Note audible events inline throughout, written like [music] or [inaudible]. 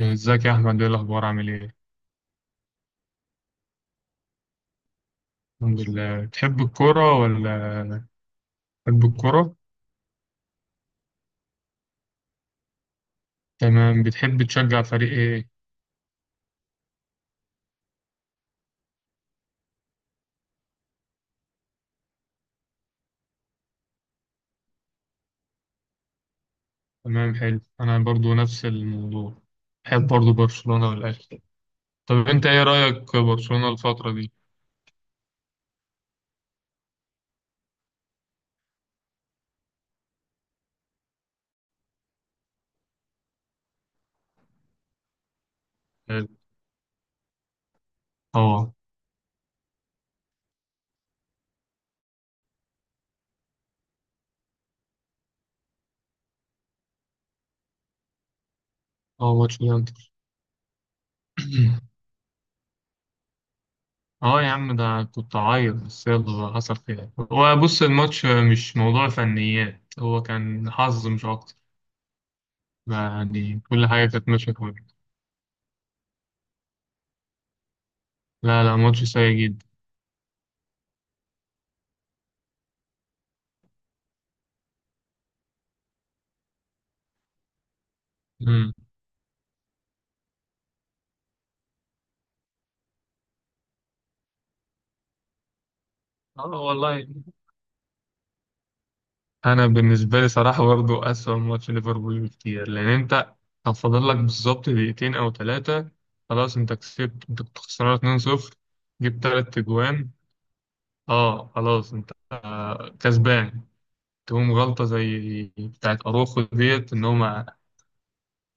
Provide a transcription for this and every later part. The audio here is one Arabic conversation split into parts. ازيك يا احمد، ايه الاخبار؟ عامل ايه؟ الحمد لله. بتحب الكوره؟ تمام. بتحب تشجع فريق ايه؟ تمام حلو. انا برضو نفس الموضوع، بحب برضو برشلونه والاهلي. طب انت ايه رايك برشلونه الفتره دي؟ حلو. اه. اه، ماتش الانتر. [clears throat] اه يا عم، ده كنت عايز، بس يلا بقى، حصل خير. هو بص، الماتش مش موضوع فنيات، هو كان حظ مش اكتر. يعني كل حاجه كانت ماشيه كويس. لا لا، ماتش سيء جدا. اه والله. انا بالنسبه لي صراحه برضه اسوأ من ماتش ليفربول بكتير، لان انت كان فاضل لك بالظبط دقيقتين او ثلاثه، خلاص انت كسبت. انت كنت خسران 2-0، جبت ثلاث تجوان. اه خلاص انت كسبان. تقوم غلطه زي بتاعت اروخو ديت ان هما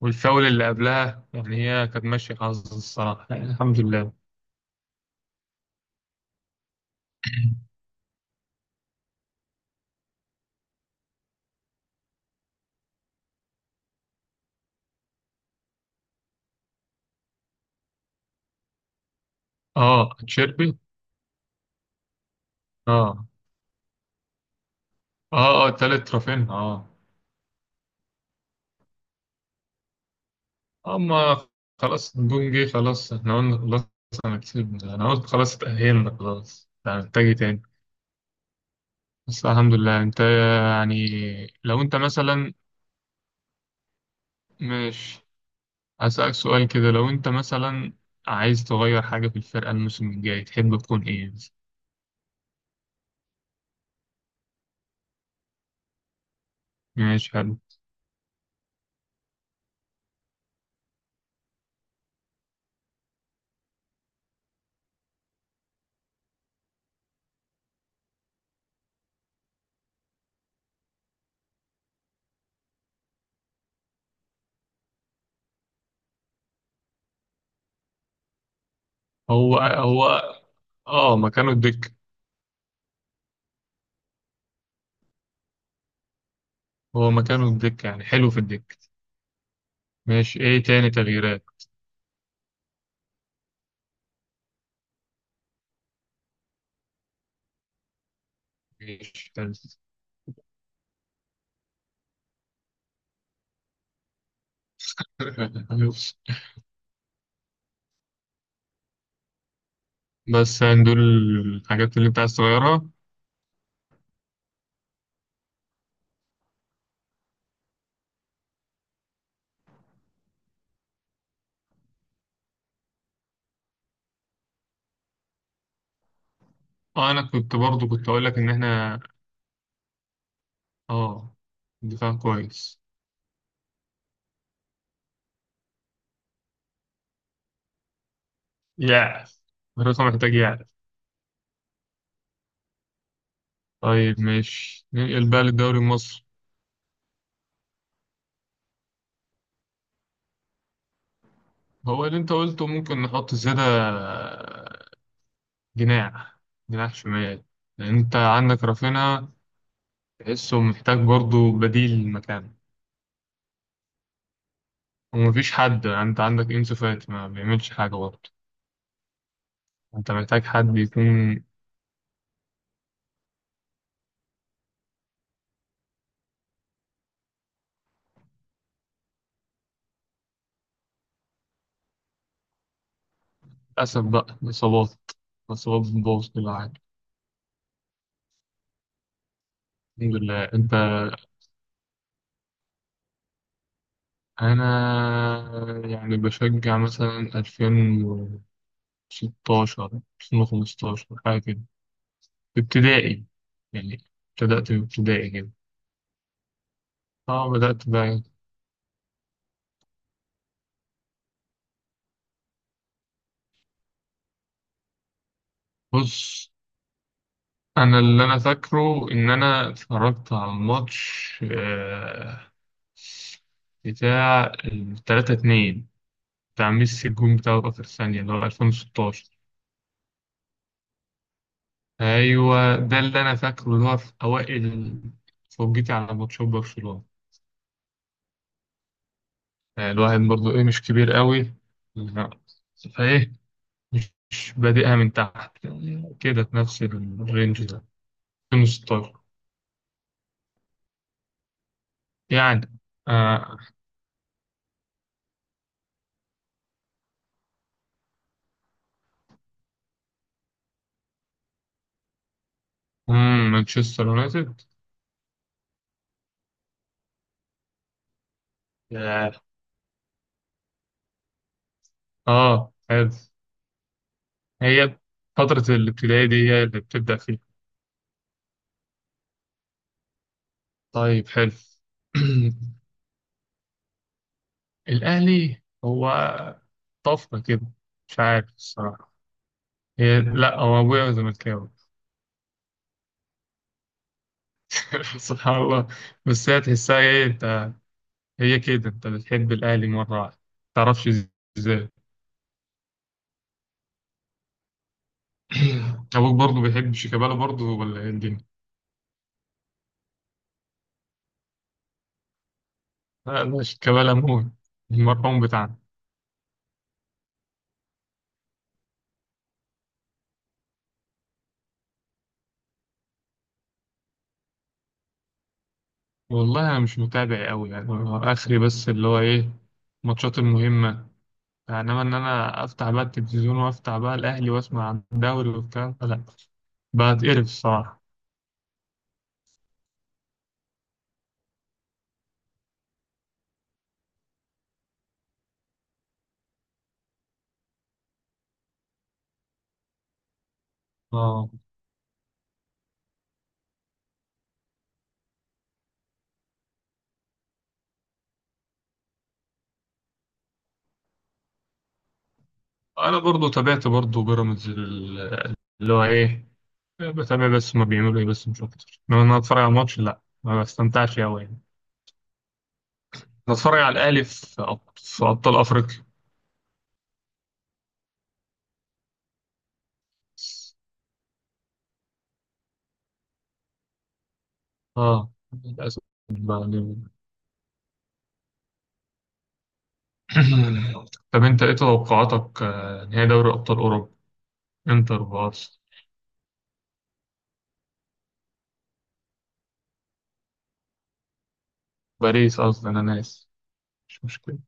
والفاول اللي قبلها، يعني هي كانت ماشيه حظ الصراحه، يعني الحمد لله. اه تشيربي. اه. اه، اه، تالت رافينها، اه. اما خلاص، نجوم جه خلاص، احنا قلنا خلاص انا كسبنا. انا قلت خلاص اتأهلنا خلاص، لا محتاج إيه تاني؟ بس الحمد لله. انت يعني لو انت مثلا مش هسألك سؤال كده، لو انت مثلا عايز تغير حاجة في الفرقة الموسم الجاي، تحب تكون ايه؟ ماشي حلو. هو اه، مكانه الدك. هو مكانه الدك يعني، حلو في الدك. ماشي، ايه تاني تغييرات؟ ماشي حلو. [laughs] بس يعني دول الحاجات اللي انت عايز تغيرها. اه، انا كنت برضو كنت اقول لك ان احنا اه، دفاع كويس. يعرف، الفرقة محتاج يعرف. طيب ماشي، ننقل بقى للدوري المصري. هو اللي انت قلته، ممكن نحط زيادة جناح، جناح شمال، لان انت عندك رافينا تحسه محتاج برضو بديل مكانه. ومفيش حد، انت عندك انسو فاتي ما بيعملش حاجة برضو، انت محتاج حد يكون. للأسف بقى إصابات، إصابات بتبوظ كل حاجة. الحمد لله. انت أنا يعني بشجع مثلا 2016، 2015، حاجة كده، في ابتدائي يعني. ابتدأت في ابتدائي كده. اه، بدأت بقى يعني. بص، أنا اللي أنا فاكره إن أنا اتفرجت على الماتش بتاع التلاتة اتنين، بتاع ميسي، الجون بتاعه في آخر ثانية اللي هو 2016. أيوه، ده اللي أنا فاكره، اللي هو في أوائل فرجتي على ماتشات برشلونة. يعني الواحد برضو إيه، مش كبير قوي. لا. فإيه، مش بادئها من تحت يعني، كده في نفس الرينج ده، 2016 يعني. آه. مم، مانشستر يونايتد. ياه. اه حلو. هي فترة الابتدائي دي هي اللي بتبدأ فيها. طيب حلو. [clears throat] الأهلي هو طفرة كده. مش عارف الصراحة. هي لا، هو أبويا زملكاوي. [laughs] سبحان الله. بس هي تحسها إيه أنت، هي كده انت بتحب الاهلي مره واحده، تعرفش ازاي. [coughs] [clears throat] ابوك برضه بيحب شيكابالا برضه، ولا ايه الدنيا؟ لا لا، شيكابالا موت، المرحوم بتاعنا. والله انا مش متابع قوي يعني، هو اخري بس اللي هو ايه، الماتشات المهمه. انما ان انا افتح بقى التلفزيون وافتح بقى الاهلي واسمع عن الدوري والكلام ده، لا بتقرف الصراحه. اه، انا برضه تابعت برضه بيراميدز اللي هو ايه. بتابع بس ما بيعملوا ايه، بس مش اكتر، انما إن انا اتفرج على الماتش، لا ما بستمتعش قوي. بتفرج على الأهلي في أبطال أفريقيا. اه، للأسف يعني. [clears throat] طب أنت إيه توقعاتك نهائي دوري أبطال أوروبا؟ إنتر وبارس. باريس قصدي، أنا ناسي، مش مشكلة.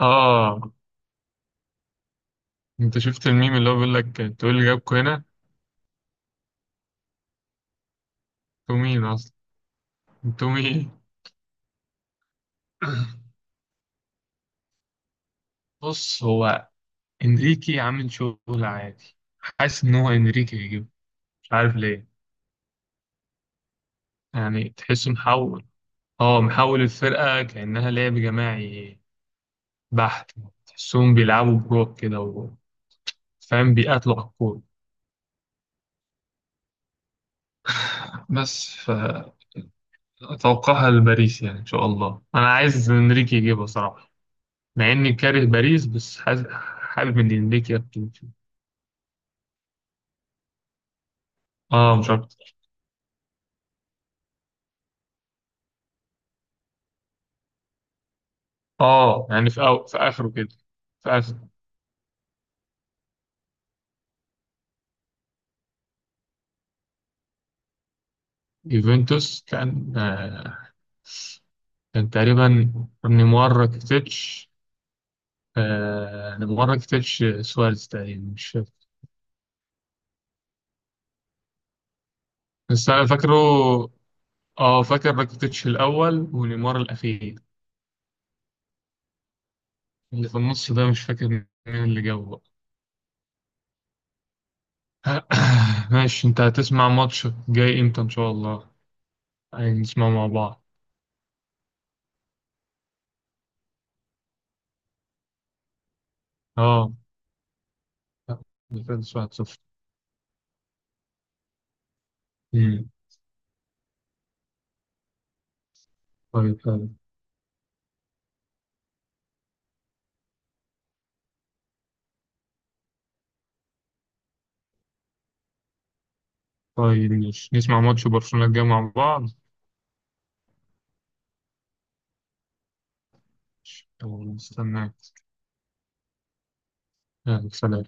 آه، أنت شفت الميم اللي هو بيقول لك أنتوا إيه اللي جابكوا هنا؟ أنتوا مين أصلا؟ أنتوا مين؟ [coughs] [clears throat] بص، هو إنريكي عامل شغل عادي. حاسس إن هو إنريكي هيجيبه، مش عارف ليه. يعني تحسه محول. اه، محول الفرقة كأنها لعب جماعي بحت. تحسهم بيلعبوا بروك كده فاهم، بيقاتلوا على الكورة بس. فأتوقعها لباريس يعني، إن شاء الله. أنا عايز إنريكي يجيبها صراحة، مع إني كاره باريس، بس حابب إن إنريكي يكتب فيه، آه مش أكتر. آه يعني في، أو في آخره كده. في آخره. يوفنتوس كان آه، كان تقريبا نيمار راكيتيتش. آه نيمار راكيتيتش سواريز تقريبا، مش فاكر. بس أنا فاكره. اه فاكر، راكيتيتش الأول ونيمار الأخير. اللي في النص ده مش فاكر مين اللي جابه بقى. [coughs] ماشي، انت هتسمع ماتش جاي امتى ان شاء الله؟ يعني نسمع مع بعض. اه الفرنس 1-0. مم. طيب حلو. طيب ماشي، نسمع ماتش برشلونة الجاي مع بعض. يلا، نستناك. يلا، سلام.